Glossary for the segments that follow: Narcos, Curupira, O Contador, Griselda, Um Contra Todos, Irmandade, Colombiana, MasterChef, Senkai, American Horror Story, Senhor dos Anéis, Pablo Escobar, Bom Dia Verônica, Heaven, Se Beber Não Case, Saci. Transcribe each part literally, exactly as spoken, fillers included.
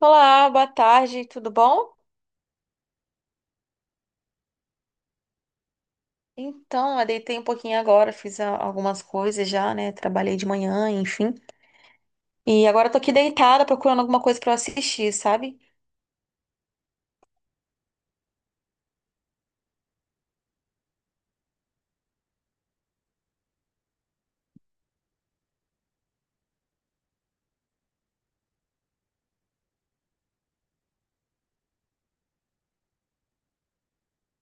Olá, boa tarde, tudo bom? Então, eu deitei um pouquinho agora, fiz a- algumas coisas já, né? Trabalhei de manhã, enfim. E agora eu tô aqui deitada procurando alguma coisa pra eu assistir, sabe?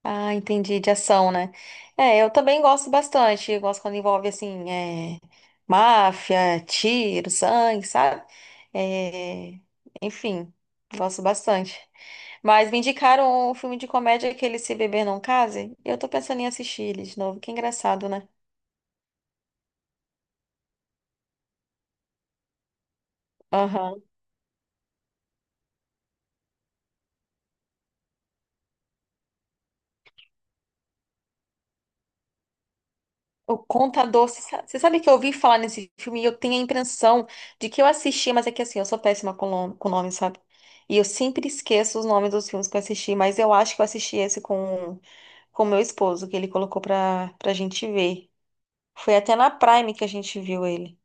Ah, entendi, de ação, né? É, eu também gosto bastante. Eu gosto quando envolve, assim, é, máfia, tiro, sangue, sabe? É, enfim, gosto bastante. Mas me indicaram um filme de comédia, aquele Se Beber Não Case, e eu tô pensando em assistir ele de novo, que engraçado, né? Aham. O Contador, você sa- você sabe que eu ouvi falar nesse filme e eu tenho a impressão de que eu assisti, mas é que assim, eu sou péssima com nome, com nome, sabe? E eu sempre esqueço os nomes dos filmes que eu assisti, mas eu acho que eu assisti esse com com meu esposo, que ele colocou pra, pra gente ver. Foi até na Prime que a gente viu ele.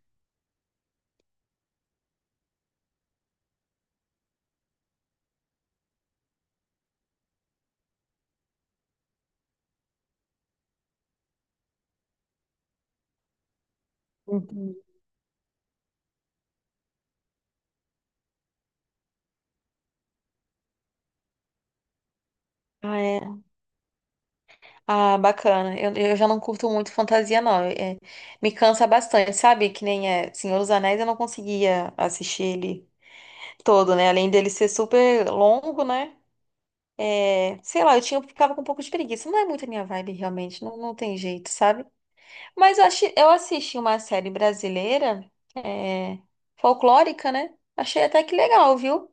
Uhum. Ah, é. Ah, bacana. Eu, eu já não curto muito fantasia, não. É, é, me cansa bastante, sabe? Que nem é Senhor dos Anéis, eu não conseguia assistir ele todo, né? Além dele ser super longo, né? É, sei lá, eu tinha, eu ficava com um pouco de preguiça. Não é muito a minha vibe, realmente. Não, não tem jeito, sabe? Mas eu, achei, eu assisti uma série brasileira, é, folclórica, né? Achei até que legal, viu?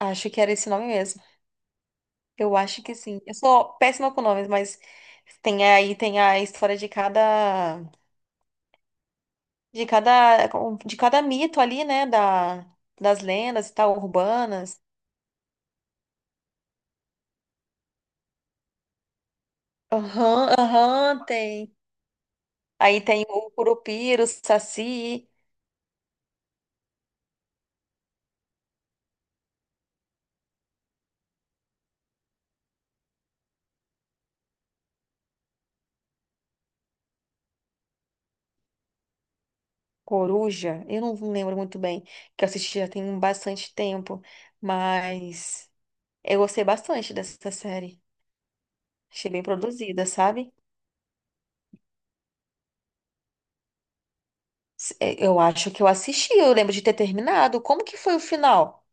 Acho que era esse nome mesmo. Eu acho que sim. Eu sou péssima com nomes, mas tem aí tem a história de cada de cada de cada mito ali, né? Da, das lendas e tal, urbanas. Aham, aham, tem. Aí tem o Curupira, o Saci. Coruja, eu não lembro muito bem, que eu assisti já tem bastante tempo, mas eu gostei bastante dessa série. Achei bem produzida, sabe? S- é, eu acho que eu assisti, eu lembro de ter terminado. Como que foi o final?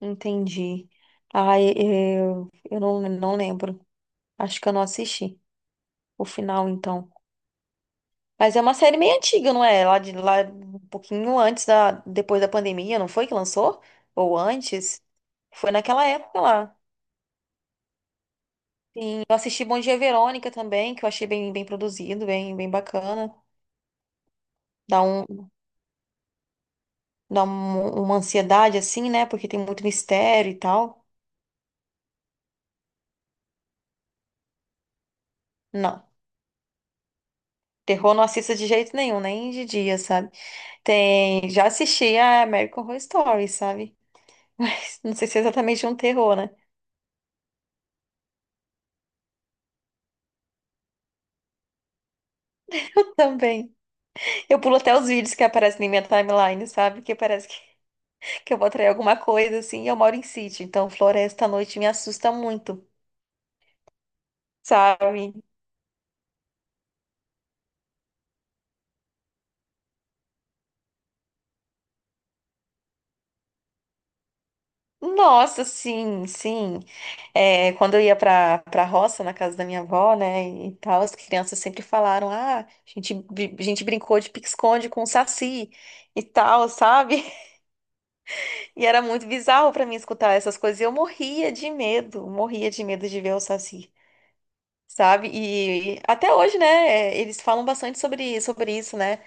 Entendi. Ai, eu, eu não, não lembro. Acho que eu não assisti o final, então. Mas é uma série meio antiga, não é? Lá de lá um pouquinho antes da depois da pandemia, não foi que lançou? Ou antes? Foi naquela época lá. Eu assisti Bom Dia Verônica também, que eu achei bem, bem produzido, bem, bem bacana. Dá um, dá um- uma ansiedade assim, né? Porque tem muito mistério e tal. Não. Terror não assista de jeito nenhum, nem de dia, sabe? Tem, já assisti a American Horror Story, sabe? Mas não sei se é exatamente um terror, né? Também. Eu pulo até os vídeos que aparecem na minha timeline, sabe? Que parece que, que eu vou atrair alguma coisa, assim. E eu moro em sítio, então floresta à noite me assusta muito, sabe? Nossa, sim, sim. É, quando eu ia pra, pra roça, na casa da minha avó, né, e tal, as crianças sempre falaram: ah, a gente, bri- a gente brincou de pique-esconde com o saci e tal, sabe? E era muito bizarro pra mim escutar essas coisas. E eu morria de medo, morria de medo de ver o saci, sabe? E até hoje, né, é, eles falam bastante sobre, sobre isso, né?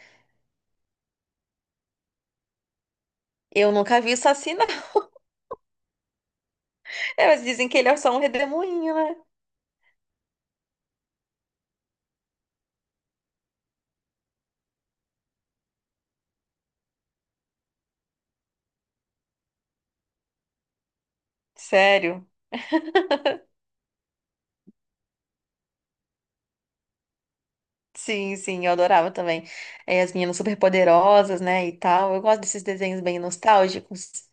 Eu nunca vi o Saci, não. É, mas dizem que ele é só um redemoinho, né? Sério. Sim, sim, eu adorava também. É, as meninas superpoderosas, né, e tal. Eu gosto desses desenhos bem nostálgicos.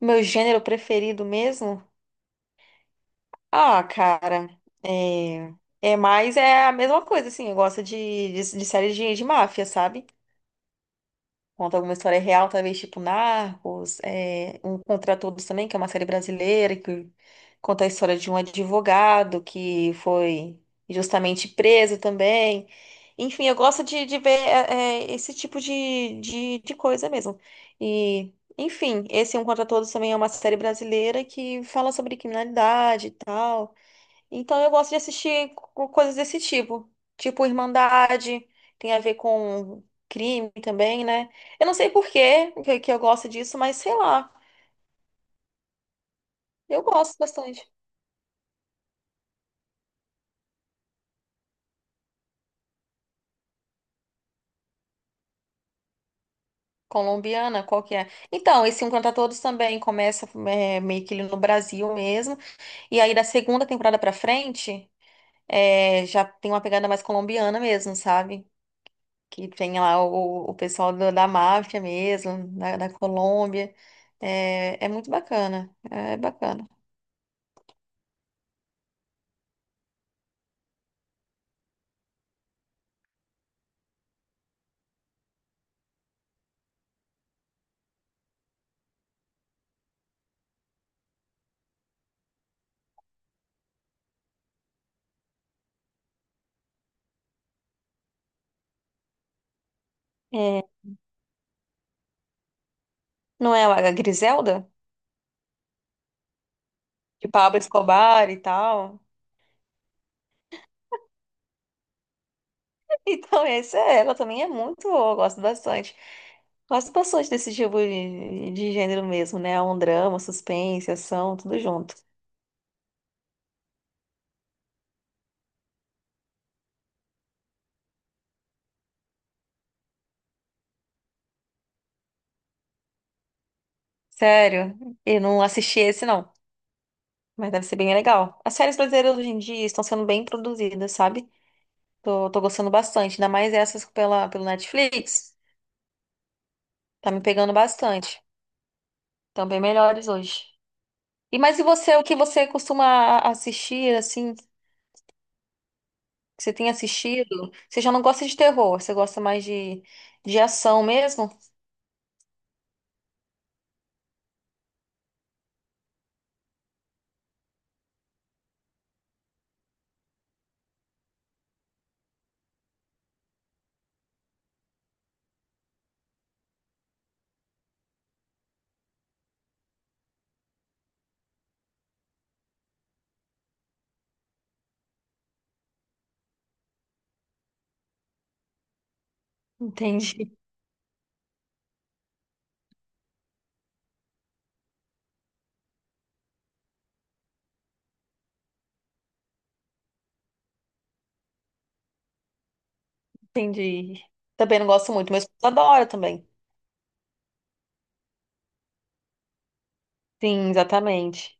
Meu gênero preferido mesmo? Ah, cara, é... É mais é a mesma coisa, assim, eu gosto de, de, de série de, de máfia, sabe? Conta alguma história real, talvez tipo Narcos, é, Um Contra Todos também, que é uma série brasileira, que conta a história de um advogado que foi justamente preso também. Enfim, eu gosto de, de ver é, é, esse tipo de, de, de coisa mesmo. E, enfim, esse Um Contra Todos também é uma série brasileira que fala sobre criminalidade e tal. Então eu gosto de assistir co- coisas desse tipo. Tipo Irmandade, tem a ver com crime também, né? Eu não sei por quê que que eu gosto disso, mas sei lá. Eu gosto bastante. Colombiana, qual que é? Então, esse Um Contra Todos também começa é, meio que ele no Brasil mesmo. E aí da segunda temporada pra frente, é, já tem uma pegada mais colombiana mesmo, sabe? Que tem lá o, o pessoal do- da máfia mesmo, da, da Colômbia. É, é muito bacana, é bacana. É, não é a Griselda? De Pablo Escobar e tal. Então, essa é ela, também é muito boa, eu gosto bastante. Gosto bastante desse tipo de, de gênero mesmo, né? Um drama, suspense, ação, tudo junto. Sério, eu não assisti esse não, mas deve ser bem legal. As séries brasileiras hoje em dia estão sendo bem produzidas, sabe? Tô, tô gostando bastante, ainda mais essas pela, pelo Netflix. Tá me pegando bastante. Estão bem melhores hoje. E mas e você, o que você costuma a- assistir, assim, que você tem assistido? Você já não gosta de terror, você gosta mais de, de ação mesmo? Entendi, entendi. Também não gosto muito, mas adoro também. Sim, exatamente.